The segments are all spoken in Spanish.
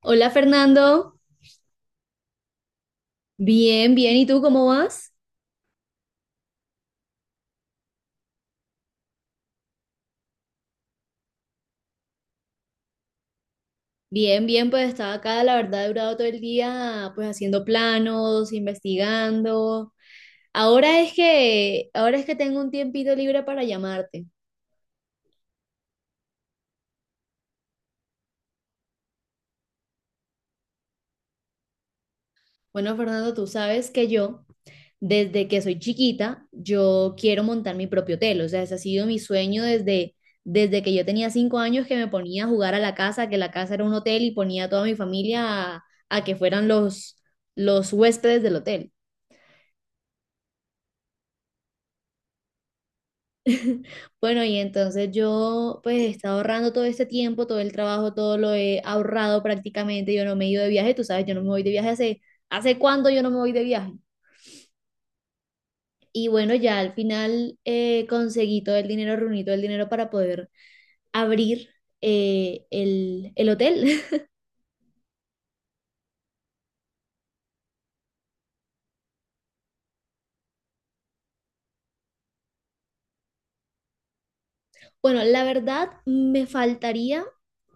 Hola, Fernando, bien, bien, ¿y tú cómo vas? Bien, bien, pues estaba acá, la verdad he durado todo el día pues haciendo planos, investigando. Ahora es que tengo un tiempito libre para llamarte. Bueno, Fernando, tú sabes que yo, desde que soy chiquita, yo quiero montar mi propio hotel. O sea, ese ha sido mi sueño desde que yo tenía 5 años, que me ponía a jugar a la casa, que la casa era un hotel y ponía a toda mi familia a que fueran los huéspedes del hotel. Bueno, y entonces yo pues he estado ahorrando todo este tiempo, todo el trabajo, todo lo he ahorrado prácticamente. Yo no me he ido de viaje, tú sabes, yo no me voy de viaje ¿hace cuándo yo no me voy de viaje? Y bueno, ya al final conseguí todo el dinero, reuní todo el dinero para poder abrir el hotel. Bueno, la verdad me faltaría,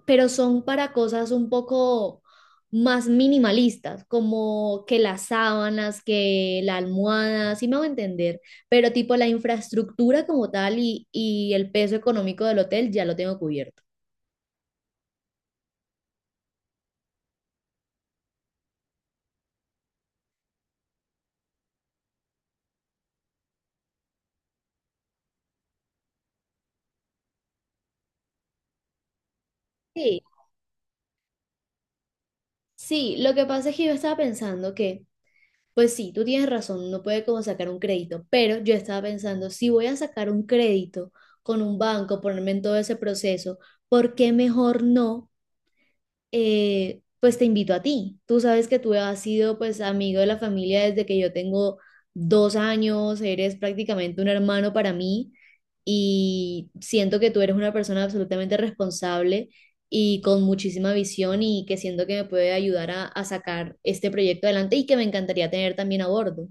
pero son para cosas un poco más minimalistas, como que las sábanas, que la almohada, si me hago entender, pero tipo la infraestructura como tal y el peso económico del hotel ya lo tengo cubierto. Sí, sí, lo que pasa es que yo estaba pensando que pues sí, tú tienes razón, no puede como sacar un crédito, pero yo estaba pensando, si voy a sacar un crédito con un banco, ponerme en todo ese proceso, ¿por qué mejor no? Pues te invito a ti. Tú sabes que tú has sido pues amigo de la familia desde que yo tengo 2 años, eres prácticamente un hermano para mí y siento que tú eres una persona absolutamente responsable y con muchísima visión y que siento que me puede ayudar a sacar este proyecto adelante y que me encantaría tener también a bordo.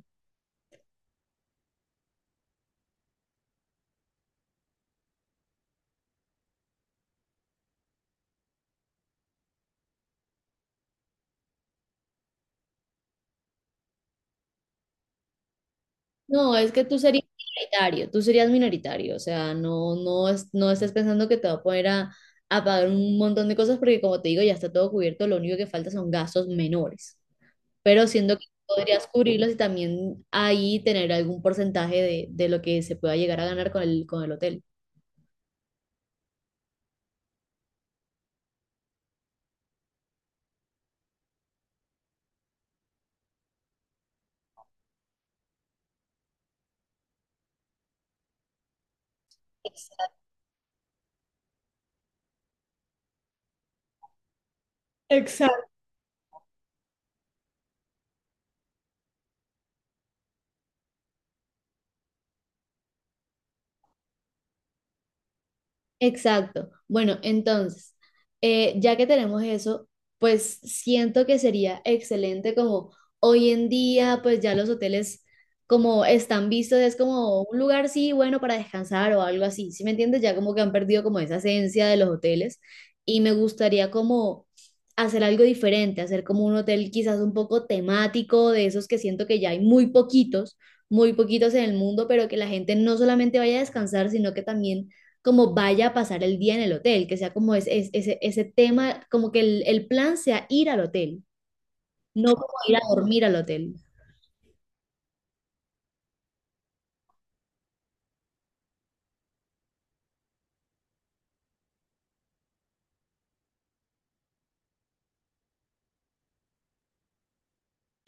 No, es que tú serías minoritario, o sea, no estés pensando que te va a poner a pagar un montón de cosas porque como te digo, ya está todo cubierto, lo único que falta son gastos menores, pero siendo que podrías cubrirlos y también ahí tener algún porcentaje de lo que se pueda llegar a ganar con con el hotel. Exacto. Bueno, entonces, ya que tenemos eso, pues siento que sería excelente como hoy en día, pues ya los hoteles como están vistos, es como un lugar, sí, bueno, para descansar o algo así, ¿sí me entiendes? Ya como que han perdido como esa esencia de los hoteles y me gustaría como hacer algo diferente, hacer como un hotel quizás un poco temático, de esos que siento que ya hay muy poquitos en el mundo, pero que la gente no solamente vaya a descansar, sino que también como vaya a pasar el día en el hotel, que sea ese, ese tema, como que el plan sea ir al hotel, no como ir a dormir al hotel.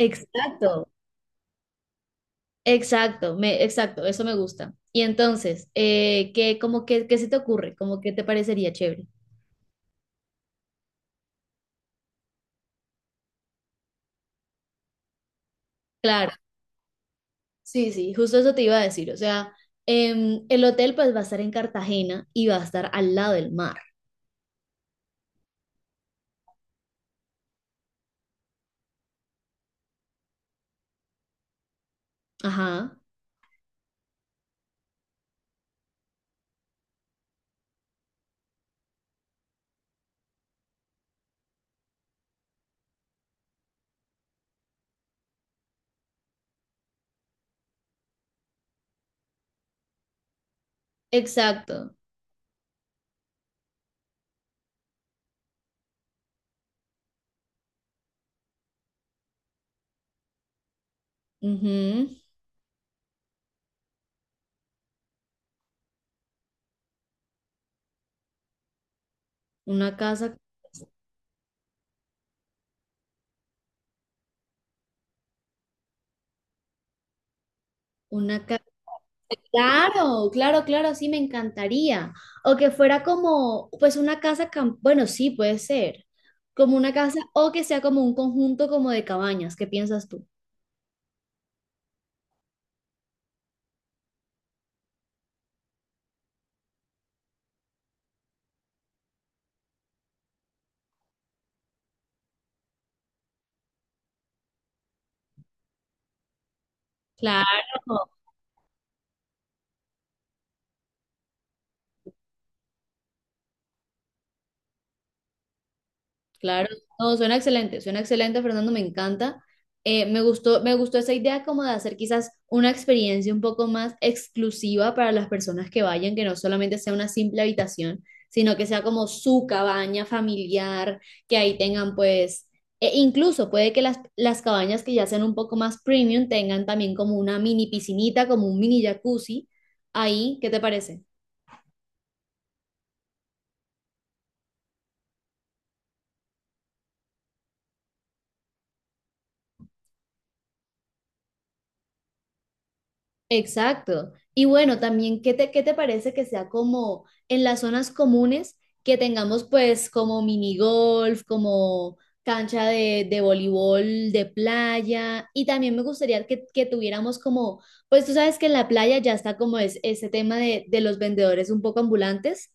Exacto, exacto, exacto, eso me gusta. Y entonces, ¿qué, como que, qué se te ocurre?, ¿cómo que te parecería chévere? Claro. Sí, sí, justo eso te iba a decir. O sea, el hotel pues va a estar en Cartagena y va a estar al lado del mar. Ajá, exacto. Ujú, una casa, una casa. Claro, claro, claro, sí, me encantaría. O que fuera como, pues una casa, cam- bueno, sí, puede ser. Como una casa o que sea como un conjunto como de cabañas. ¿Qué piensas tú? Claro. Claro, no, suena excelente, Fernando, me encanta. Me gustó esa idea como de hacer quizás una experiencia un poco más exclusiva para las personas que vayan, que no solamente sea una simple habitación, sino que sea como su cabaña familiar, que ahí tengan pues, e incluso puede que las cabañas que ya sean un poco más premium tengan también como una mini piscinita, como un mini jacuzzi ahí, ¿qué te parece? Exacto. Y bueno, también, ¿qué qué te parece que sea como en las zonas comunes que tengamos pues como mini golf, como cancha de voleibol de playa? Y también me gustaría que tuviéramos como, pues tú sabes que en la playa ya está ese tema de los vendedores un poco ambulantes,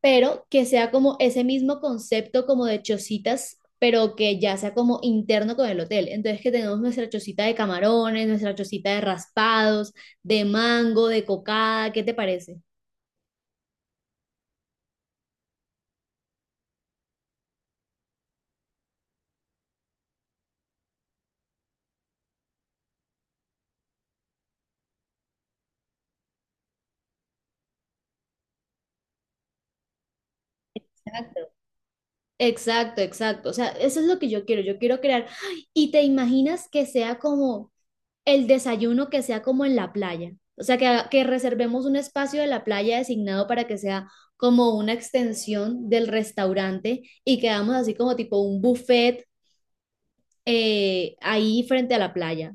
pero que sea como ese mismo concepto como de chocitas, pero que ya sea como interno con el hotel. Entonces que tenemos nuestra chocita de camarones, nuestra chocita de raspados, de mango, de cocada, ¿qué te parece? Exacto. Exacto, exacto. O sea, eso es lo que yo quiero. Yo quiero crear. ¡Ay! Y te imaginas que sea como el desayuno que sea como en la playa. O sea, que reservemos un espacio de la playa designado para que sea como una extensión del restaurante y que hagamos así como tipo un buffet ahí frente a la playa.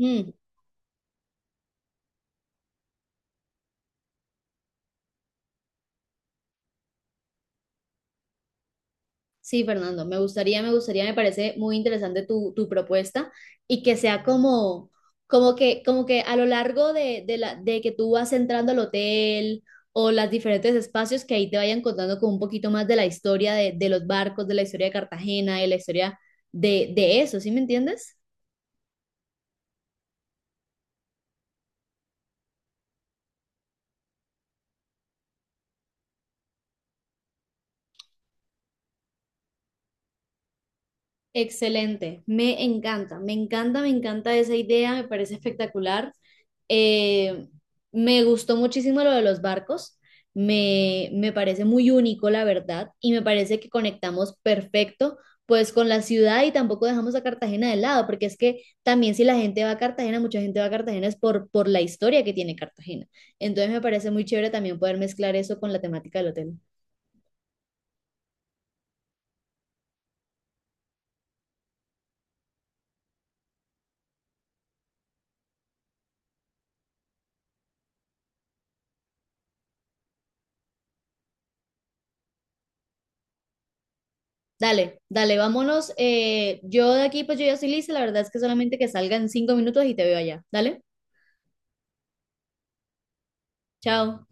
Mm, sí, Fernando, me gustaría, me gustaría, me parece muy interesante tu propuesta y que sea como, como que a lo largo de que tú vas entrando al hotel o los diferentes espacios que ahí te vayan contando con un poquito más de la historia de los barcos, de la historia de Cartagena, de la historia de eso, ¿sí me entiendes? Excelente, me encanta, me encanta, me encanta esa idea, me parece espectacular. Eh, me gustó muchísimo lo de los barcos, me parece muy único, la verdad, y me parece que conectamos perfecto pues con la ciudad y tampoco dejamos a Cartagena de lado, porque es que también si la gente va a Cartagena, mucha gente va a Cartagena es por la historia que tiene Cartagena. Entonces me parece muy chévere también poder mezclar eso con la temática del hotel. Dale, dale, vámonos. Yo de aquí, pues yo ya soy lista. La verdad es que solamente que salgan 5 minutos y te veo allá. Dale, chao.